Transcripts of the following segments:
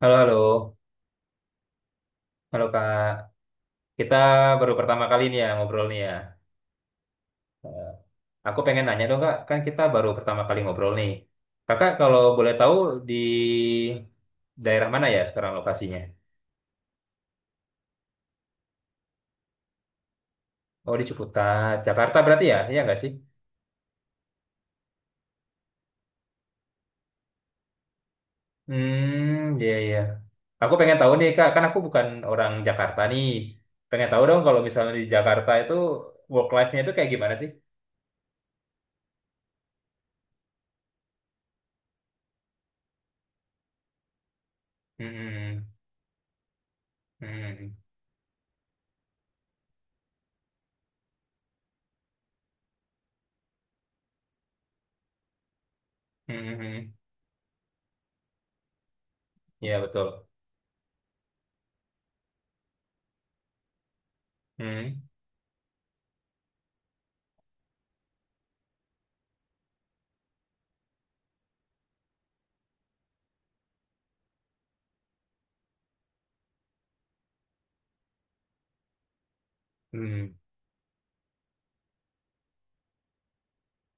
Halo, halo. Halo, Kak. Kita baru pertama kali nih ya ngobrol nih ya. Eh, Aku pengen nanya dong, Kak. Kan kita baru pertama kali ngobrol nih. Kakak kalau boleh tahu di daerah mana ya sekarang lokasinya? Oh, di Ciputat, Jakarta berarti ya? Iya nggak sih? Hmm, iya, iya. Aku pengen tahu nih, Kak. Kan aku bukan orang Jakarta nih. Pengen tahu dong kalau misalnya di Jakarta itu work life-nya itu kayak gimana sih? Hmm, hmm, hmm, hmm, hmm. Hmm. Iya, betul. Hmm. Hmm.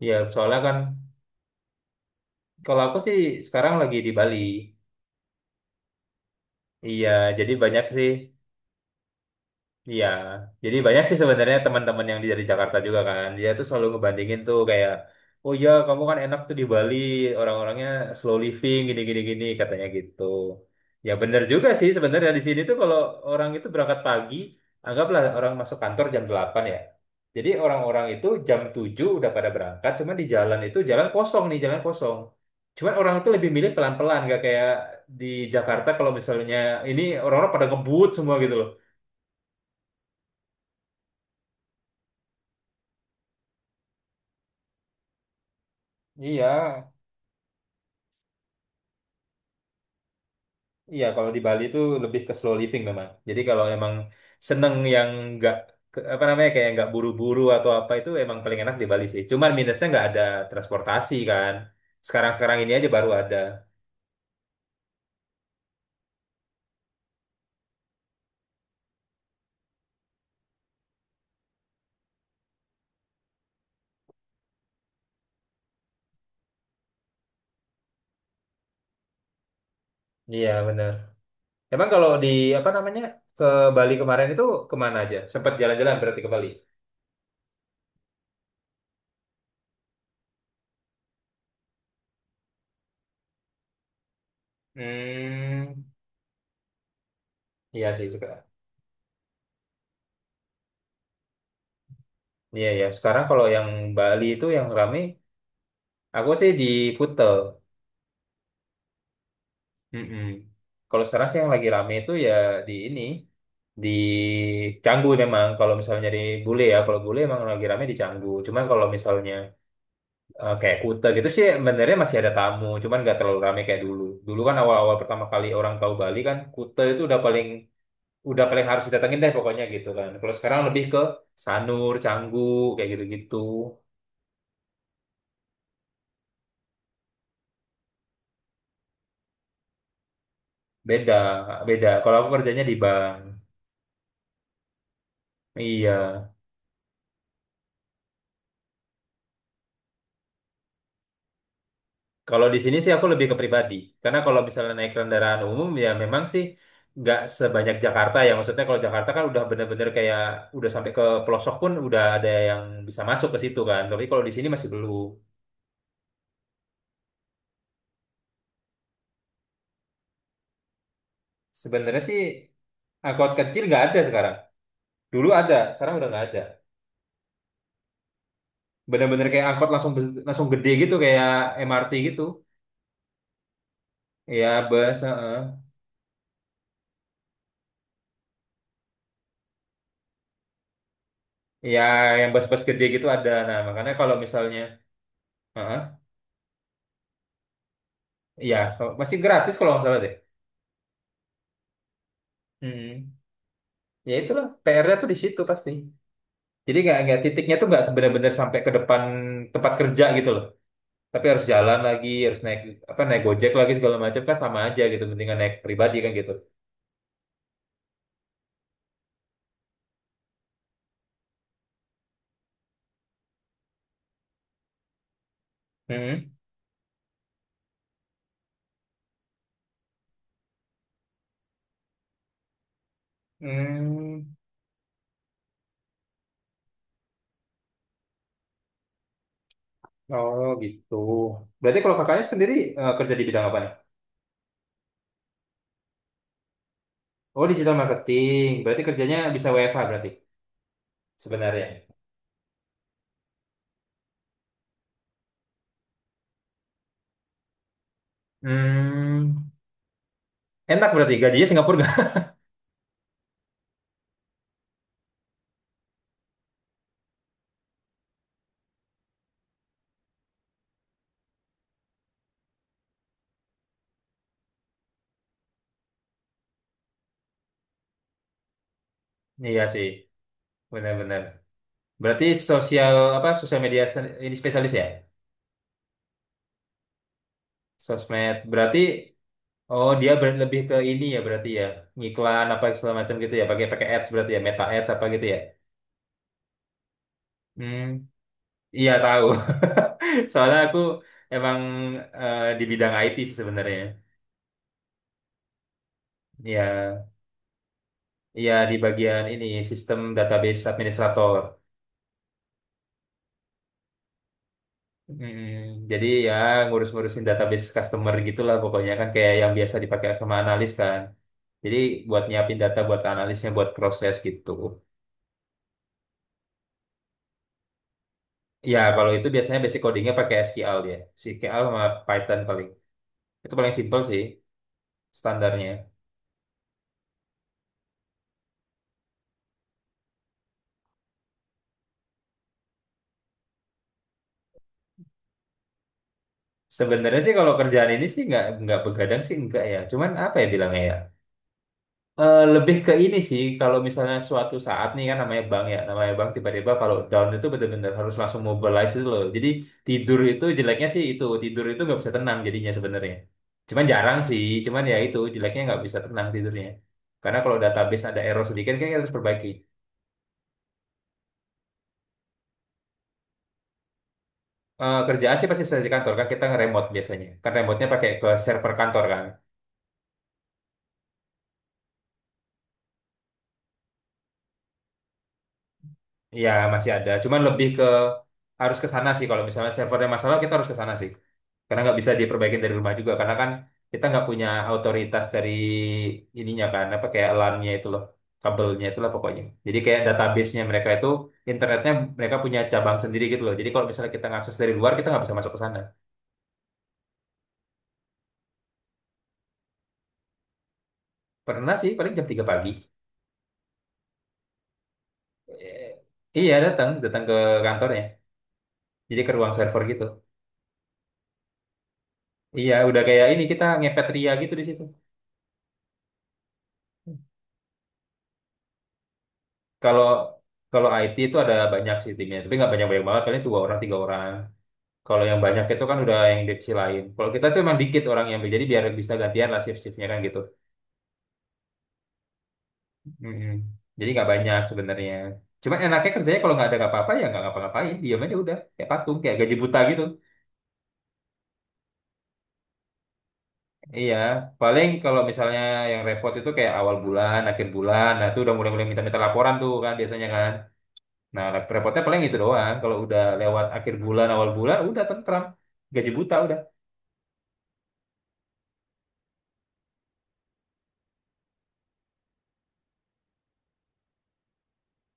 Iya, soalnya kan kalau aku sih sekarang lagi di Bali. Iya, jadi banyak sih. Iya, jadi banyak sih sebenarnya teman-teman yang dari Jakarta juga kan. Dia tuh selalu ngebandingin tuh kayak, oh ya kamu kan enak tuh di Bali, orang-orangnya slow living gini-gini gini katanya gitu. Ya bener juga sih sebenarnya di sini tuh kalau orang itu berangkat pagi, anggaplah orang masuk kantor jam 8 ya. Jadi orang-orang itu jam 7 udah pada berangkat, cuman di jalan itu jalan kosong nih, jalan kosong. Cuman orang itu lebih milih pelan-pelan, gak kayak di Jakarta kalau misalnya ini orang-orang pada ngebut semua gitu loh. Iya, iya, kalau di Bali itu lebih ke slow living memang. Jadi kalau emang seneng yang nggak ke- apa namanya kayak nggak buru-buru atau apa itu emang paling enak di Bali sih. Cuman minusnya nggak ada transportasi kan. Sekarang-sekarang ini aja baru ada. Iya benar. Emang kalau di apa namanya ke Bali kemarin itu kemana aja? Sempat jalan-jalan berarti ke Bali. Hmm, iya sih sekarang. Iya ya. Sekarang kalau yang Bali itu yang rame, aku sih di Kuta. Mm-mm. Kalau sekarang sih yang lagi rame itu ya di ini. Di Canggu memang kalau misalnya nyari bule ya kalau bule emang lagi rame di Canggu, cuman kalau misalnya kayak Kuta gitu sih sebenarnya masih ada tamu cuman nggak terlalu rame kayak dulu. Dulu kan awal-awal pertama kali orang tahu Bali kan Kuta itu udah paling harus didatengin deh pokoknya gitu kan. Kalau sekarang lebih ke Sanur, Canggu, kayak gitu-gitu. Beda beda kalau aku kerjanya di bank. Iya. Kalau di sini sih aku lebih ke pribadi. Karena kalau misalnya naik kendaraan umum ya memang sih nggak sebanyak Jakarta ya. Maksudnya kalau Jakarta kan udah bener-bener kayak udah sampai ke pelosok pun udah ada yang bisa masuk ke situ kan. Tapi kalau di sini masih belum. Sebenarnya sih angkot kecil nggak ada sekarang. Dulu ada, sekarang udah nggak ada. Bener-bener kayak angkot langsung langsung gede gitu kayak MRT gitu. Ya bus, heeh. Ya yang bus-bus gede gitu ada. Nah makanya kalau misalnya, heeh, ya kalau masih gratis kalau nggak salah deh. Mm, ya itulah PR-nya tuh di situ pasti. Jadi nggak titiknya tuh nggak sebenar-benar sampai ke depan tempat kerja gitu loh. Tapi harus jalan lagi, harus naik apa naik Gojek lagi segala macam kan sama aja gitu. Mendingan naik pribadi kan gitu. Hmm. Hmm. Oh gitu. Berarti kalau kakaknya sendiri kerja di bidang apa nih? Oh digital marketing. Berarti kerjanya bisa WFH berarti sebenarnya. Hmm. Enak berarti gajinya Singapura nggak? Iya sih, benar-benar. Berarti sosial apa sosial media ini spesialis ya? Sosmed. Berarti oh dia lebih ke ini ya berarti ya. Ngiklan apa segala macam gitu ya. Pakai pakai ads berarti ya, meta ads apa gitu ya. Hmm, iya tahu. Soalnya aku emang di bidang IT sih sebenarnya. Iya, iya di bagian ini sistem database administrator. Mm, jadi ya ngurus-ngurusin database customer gitulah pokoknya kan kayak yang biasa dipakai sama analis kan. Jadi buat nyiapin data buat analisnya buat proses gitu. Ya, kalau itu biasanya basic codingnya pakai SQL dia. SQL sama Python paling. Itu paling simple sih standarnya. Sebenarnya sih kalau kerjaan ini sih nggak begadang sih enggak ya. Cuman apa ya bilangnya ya? Lebih ke ini sih kalau misalnya suatu saat nih kan namanya bank ya, namanya bank tiba-tiba kalau down itu benar-benar harus langsung mobilize itu loh. Jadi tidur itu jeleknya sih itu tidur itu nggak bisa tenang jadinya sebenarnya. Cuman jarang sih, cuman ya itu jeleknya nggak bisa tenang tidurnya. Karena kalau database ada error sedikit kan kita harus perbaiki. Kerjaan sih pasti saya di kantor kan kita nge-remote biasanya. Kan remote-nya pakai ke server kantor kan. Ya masih ada, cuman lebih ke harus ke sana sih kalau misalnya servernya masalah kita harus ke sana sih. Karena nggak bisa diperbaikin dari rumah juga karena kan kita nggak punya otoritas dari ininya kan apa kayak LAN-nya itu loh, kabelnya itulah pokoknya. Jadi kayak database-nya mereka itu internetnya mereka punya cabang sendiri gitu loh. Jadi kalau misalnya kita ngakses dari luar kita nggak bisa masuk ke sana. Pernah sih paling jam 3 pagi. Eh, iya datang, datang ke kantornya. Jadi ke ruang server gitu. Iya, udah kayak ini kita ngepet ria gitu di situ. Kalau kalau IT itu ada banyak sih timnya, tapi nggak banyak-banyak banget. Paling 2 orang, 3 orang. Kalau yang banyak itu kan udah yang divisi lain. Kalau kita tuh emang dikit orang yang jadi biar bisa gantian lah shift-shiftnya kan gitu. Mm-mm. Jadi nggak banyak sebenarnya. Cuma enaknya kerjanya kalau nggak ada nggak apa-apa ya nggak ngapa-ngapain, diam aja udah kayak patung, kayak gaji buta gitu. Iya, paling kalau misalnya yang repot itu kayak awal bulan, akhir bulan, nah itu udah mulai-mulai minta-minta laporan tuh kan biasanya kan. Nah, repotnya paling itu doang. Kalau udah lewat akhir bulan, awal bulan, udah tentram. Gaji buta udah.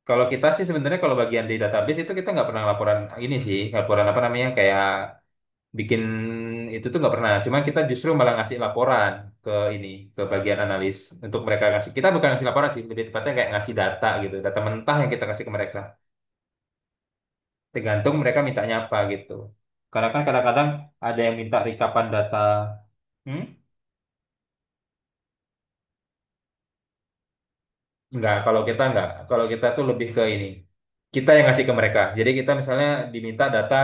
Kalau kita sih sebenarnya kalau bagian di database itu kita nggak pernah laporan ini sih, laporan apa namanya kayak bikin itu tuh nggak pernah. Cuman kita justru malah ngasih laporan ke ini ke bagian analis untuk mereka ngasih. Kita bukan ngasih laporan sih, lebih tepatnya kayak ngasih data gitu, data mentah yang kita kasih ke mereka. Tergantung mereka mintanya apa gitu. Karena kan kadang-kadang ada yang minta rekapan data. Hmm? Enggak, kalau kita tuh lebih ke ini. Kita yang ngasih ke mereka. Jadi kita misalnya diminta data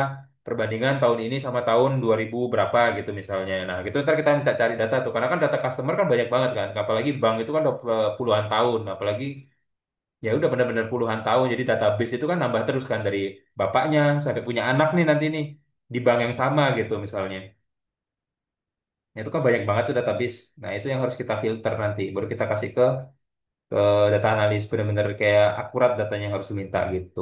perbandingan tahun ini sama tahun 2000 berapa gitu misalnya. Nah, gitu ntar kita minta cari data tuh. Karena kan data customer kan banyak banget kan. Apalagi bank itu kan udah puluhan tahun. Apalagi ya udah benar-benar puluhan tahun. Jadi database itu kan nambah terus kan dari bapaknya sampai punya anak nih nanti nih di bank yang sama gitu misalnya. Nah, itu kan banyak banget tuh database. Nah, itu yang harus kita filter nanti. Baru kita kasih ke ke data analis benar-benar kayak akurat datanya yang harus diminta gitu.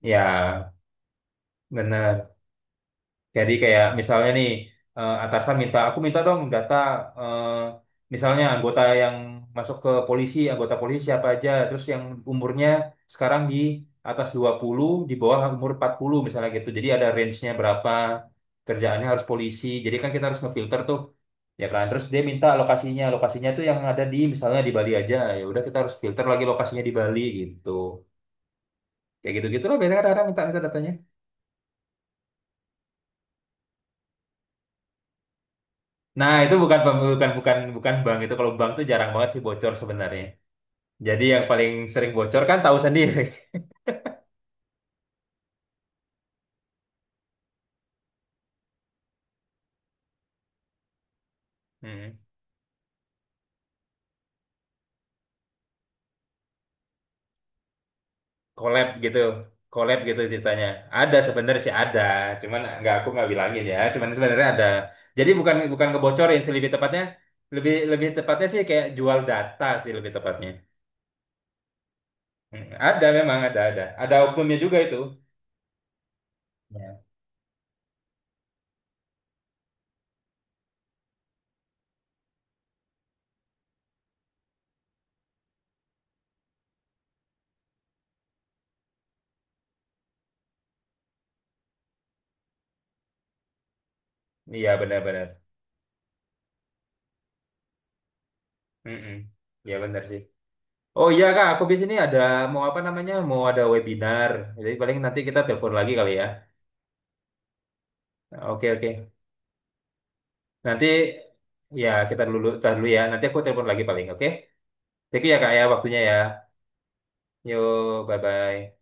Ya, benar. Jadi kayak misalnya nih atasan minta aku minta dong data eh, misalnya anggota yang masuk ke polisi, anggota polisi siapa aja, terus yang umurnya sekarang di atas 20, di bawah umur 40 misalnya gitu. Jadi ada range-nya berapa, kerjaannya harus polisi. Jadi kan kita harus ngefilter tuh. Ya kan, terus dia minta lokasinya, lokasinya tuh yang ada di misalnya di Bali aja. Ya udah kita harus filter lagi lokasinya di Bali gitu. Kayak gitu-gitulah biasanya kadang-kadang minta minta datanya. Nah, itu bukan bukan bukan bukan bank itu. Kalau bank tuh jarang banget sih bocor sebenarnya. Jadi yang paling sering bocor kan tahu sendiri. Hmm. Collab gitu. Collab gitu ceritanya. Ada sebenarnya sih ada, cuman nggak aku nggak bilangin ya. Cuman sebenarnya ada. Jadi bukan bukan ngebocorin sih lebih tepatnya. Lebih lebih tepatnya sih kayak jual data sih lebih tepatnya. Hmm. Ada memang ada ada. Ada oknumnya juga itu. Ya. Iya benar-benar. Mm-mm. Iya benar sih. Oh iya Kak, aku biasanya ini ada mau apa namanya? Mau ada webinar. Jadi paling nanti kita telepon lagi kali ya. Oke oke. Nanti ya kita dulu tahan dulu ya. Nanti aku telepon lagi paling oke. Thank you ya Kak ya waktunya ya. Yo, bye bye.